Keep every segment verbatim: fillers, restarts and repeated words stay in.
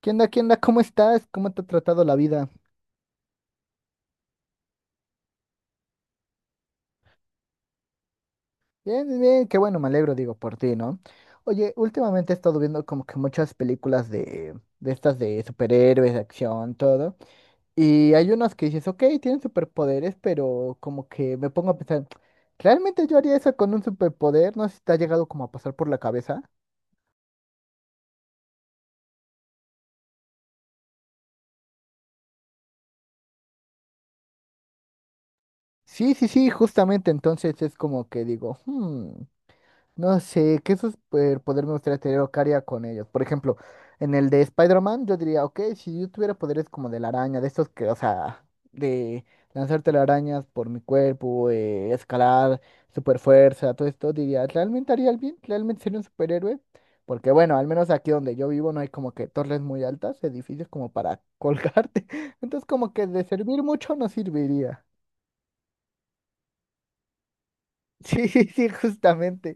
¿Qué onda? ¿Qué onda? ¿Cómo estás? ¿Cómo te ha tratado la vida? Bien, bien, bien, qué bueno, me alegro, digo, por ti, ¿no? Oye, últimamente he estado viendo como que muchas películas de, de estas de superhéroes, de acción, todo. Y hay unas que dices, ok, tienen superpoderes, pero como que me pongo a pensar, ¿realmente yo haría eso con un superpoder? No sé si te ha llegado como a pasar por la cabeza. Sí, sí, sí, justamente entonces es como que digo, hmm. No sé, ¿qué superpoder me gustaría tener o qué haría con ellos? Por ejemplo, en el de Spider-Man, yo diría, ok, si yo tuviera poderes como de la araña, de estos que, o sea, de lanzar telarañas por mi cuerpo, eh, escalar, super fuerza, todo esto, diría, ¿realmente haría el bien? ¿Realmente sería un superhéroe? Porque bueno, al menos aquí donde yo vivo no hay como que torres muy altas, edificios como para colgarte. Entonces como que de servir mucho no serviría. Sí, sí, justamente.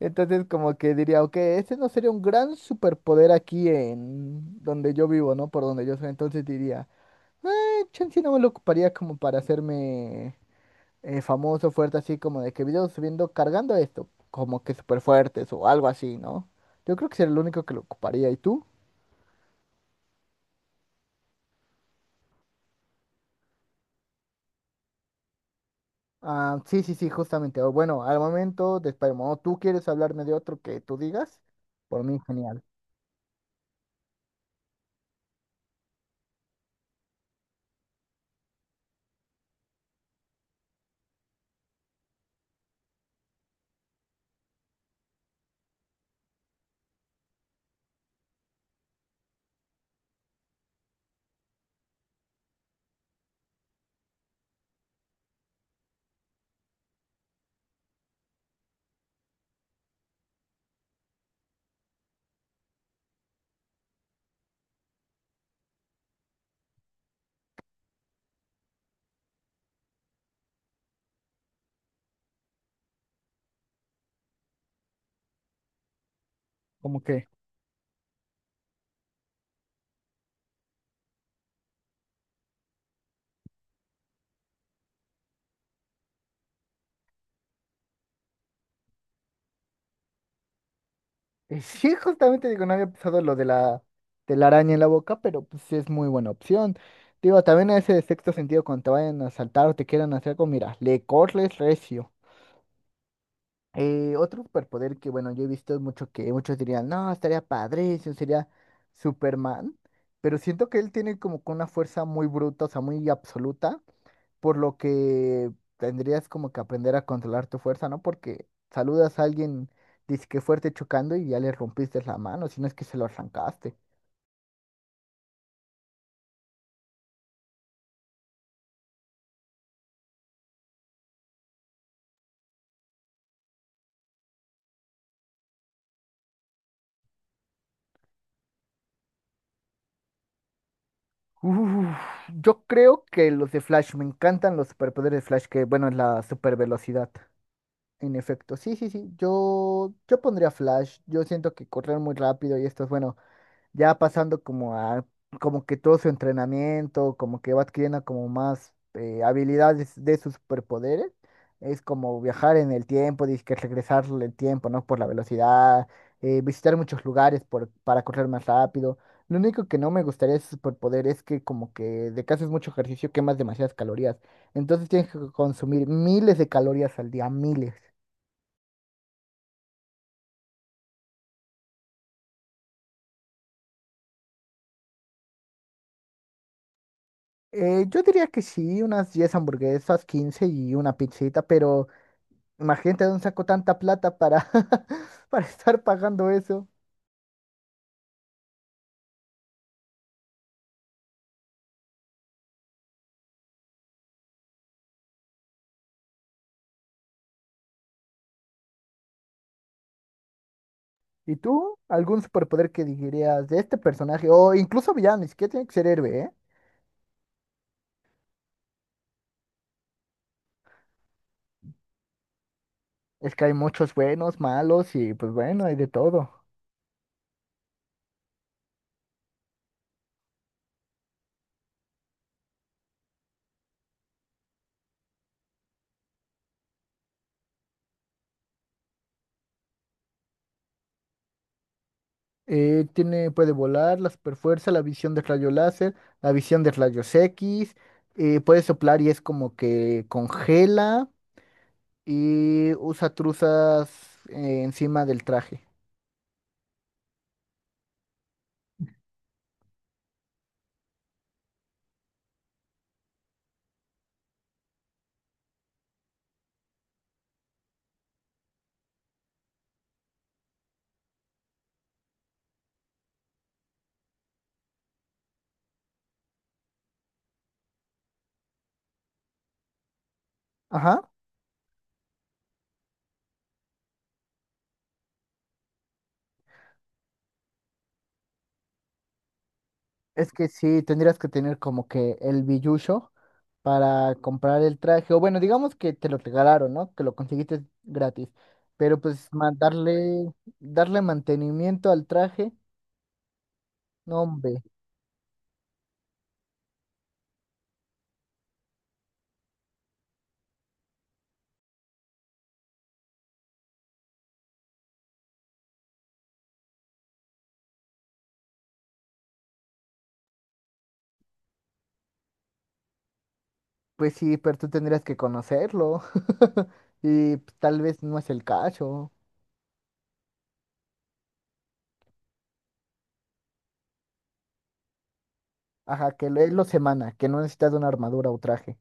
Entonces, como que diría, ok, ese no sería un gran superpoder aquí en donde yo vivo, ¿no? Por donde yo soy. Entonces diría, eh, chance no me lo ocuparía como para hacerme eh, famoso, fuerte, así como de que videos subiendo, cargando esto, como que súper fuertes o algo así, ¿no? Yo creo que sería el único que lo ocuparía. ¿Y tú? Ah, sí, sí, sí, justamente. O bueno, al momento de Spider-Man, ¿o ¿tú quieres hablarme de otro que tú digas? Por mí, genial. ¿Cómo que? Y sí, justamente digo, no había pensado lo de la telaraña en la boca, pero pues sí es muy buena opción. Digo, también ese de sexto sentido cuando te vayan a saltar o te quieran hacer algo, mira, le corres recio. Eh, otro superpoder que, bueno, yo he visto mucho que muchos dirían, no, estaría padrísimo, sería Superman, pero siento que él tiene como que una fuerza muy bruta, o sea, muy absoluta, por lo que tendrías como que aprender a controlar tu fuerza, ¿no? Porque saludas a alguien, dice que fuerte chocando y ya le rompiste la mano, si no es que se lo arrancaste. Uf, yo creo que los de Flash, me encantan los superpoderes de Flash, que bueno, es la supervelocidad. En efecto, sí, sí, sí, yo, yo pondría Flash, yo siento que correr muy rápido y esto es bueno. Ya pasando como a, como que todo su entrenamiento, como que va adquiriendo como más eh, habilidades de sus superpoderes, es como viajar en el tiempo, dice que regresar el tiempo, ¿no? Por la velocidad, eh, visitar muchos lugares por, para correr más rápido. Lo único que no me gustaría de su superpoder es que como que de que haces mucho ejercicio quemas demasiadas calorías. Entonces tienes que consumir miles de calorías al día, miles. Eh, yo diría que sí, unas diez hamburguesas, quince y una pizzita, pero imagínate de dónde saco tanta plata para, para estar pagando eso. ¿Y tú? ¿Algún superpoder que dirías de este personaje? O incluso villano, ni siquiera tiene que ser héroe, ¿eh? Es que hay muchos buenos, malos y pues bueno, hay de todo. Eh, tiene, puede volar, la superfuerza, la visión de rayo láser, la visión de rayos X, eh, puede soplar y es como que congela y usa truzas eh, encima del traje. Ajá. Es que sí, tendrías que tener como que el billuyo para comprar el traje. O bueno, digamos que te lo regalaron, ¿no? Que lo conseguiste gratis. Pero pues ma- darle, darle mantenimiento al traje, no, hombre. Pues sí, pero tú tendrías que conocerlo. Y pues, tal vez no es el caso. Ajá, que lo- es lo semana, que no necesitas una armadura o traje.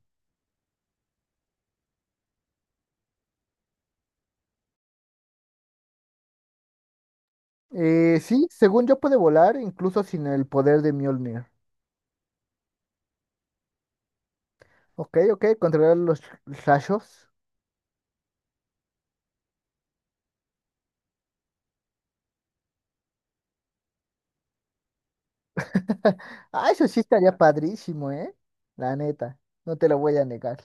Eh, sí, según yo puede volar, incluso sin el poder de Mjolnir. Ok, ok, controlar los rayos. Ah, eso sí estaría padrísimo, ¿eh? La neta, no te lo voy a negar.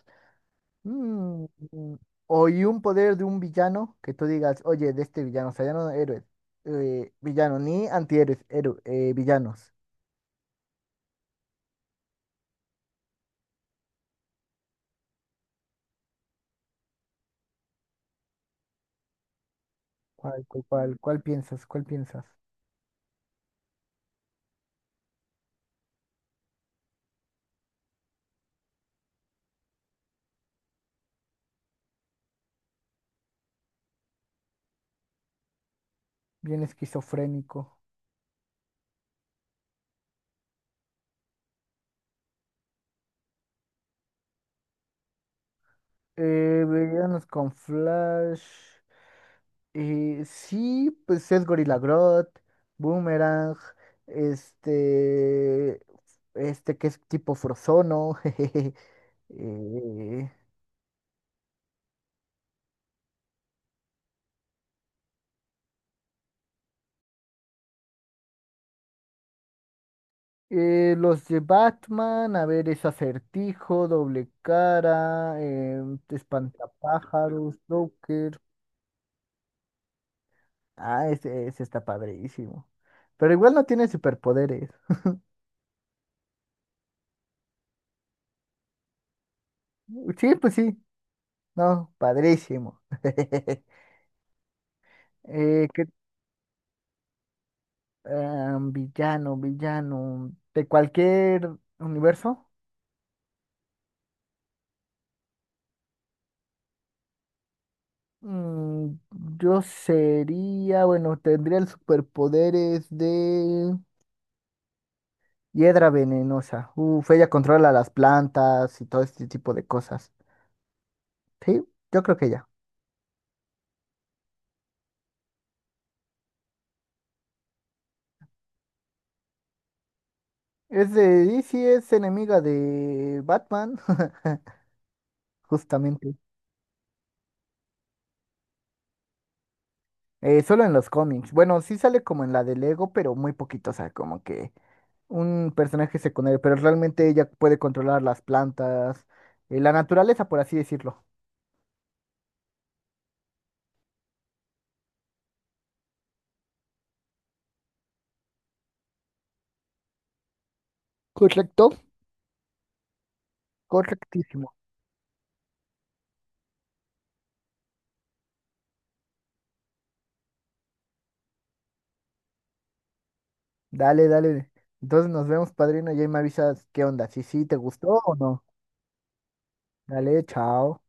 Mm, mm, o y un poder de un villano que tú digas, oye, de este villano, o sea, ya no héroes, eh, villano, ni antihéroes, héroe, eh, villanos. ¿Cuál, cuál, cuál, cuál piensas? ¿Cuál piensas? Bien esquizofrénico. Eh, villanos con Flash. Eh, sí, pues es Gorilla Grodd, Boomerang, este, este que es tipo Frozono, jejeje, eh, eh, los de Batman, a ver, es Acertijo, Doble Cara, em, Espantapájaros, Joker, ah, ese, ese está padrísimo, pero igual no tiene superpoderes, sí, pues sí, no, padrísimo, eh, ¿qué? Ah, villano, villano. De cualquier universo. Mm, yo sería, bueno, tendría el superpoderes de hiedra venenosa. Uf, ella controla las plantas y todo este tipo de cosas. Sí, yo creo que ella. Es de D C, es enemiga de Batman, justamente. Eh, solo en los cómics. Bueno, sí sale como en la de Lego, pero muy poquito, o sea, como que un personaje secundario, pero realmente ella puede controlar las plantas, eh, la naturaleza, por así decirlo. Correcto. Correctísimo. Dale, dale. Entonces nos vemos, padrino, y ahí me avisas qué onda, si sí te gustó o no. Dale, chao.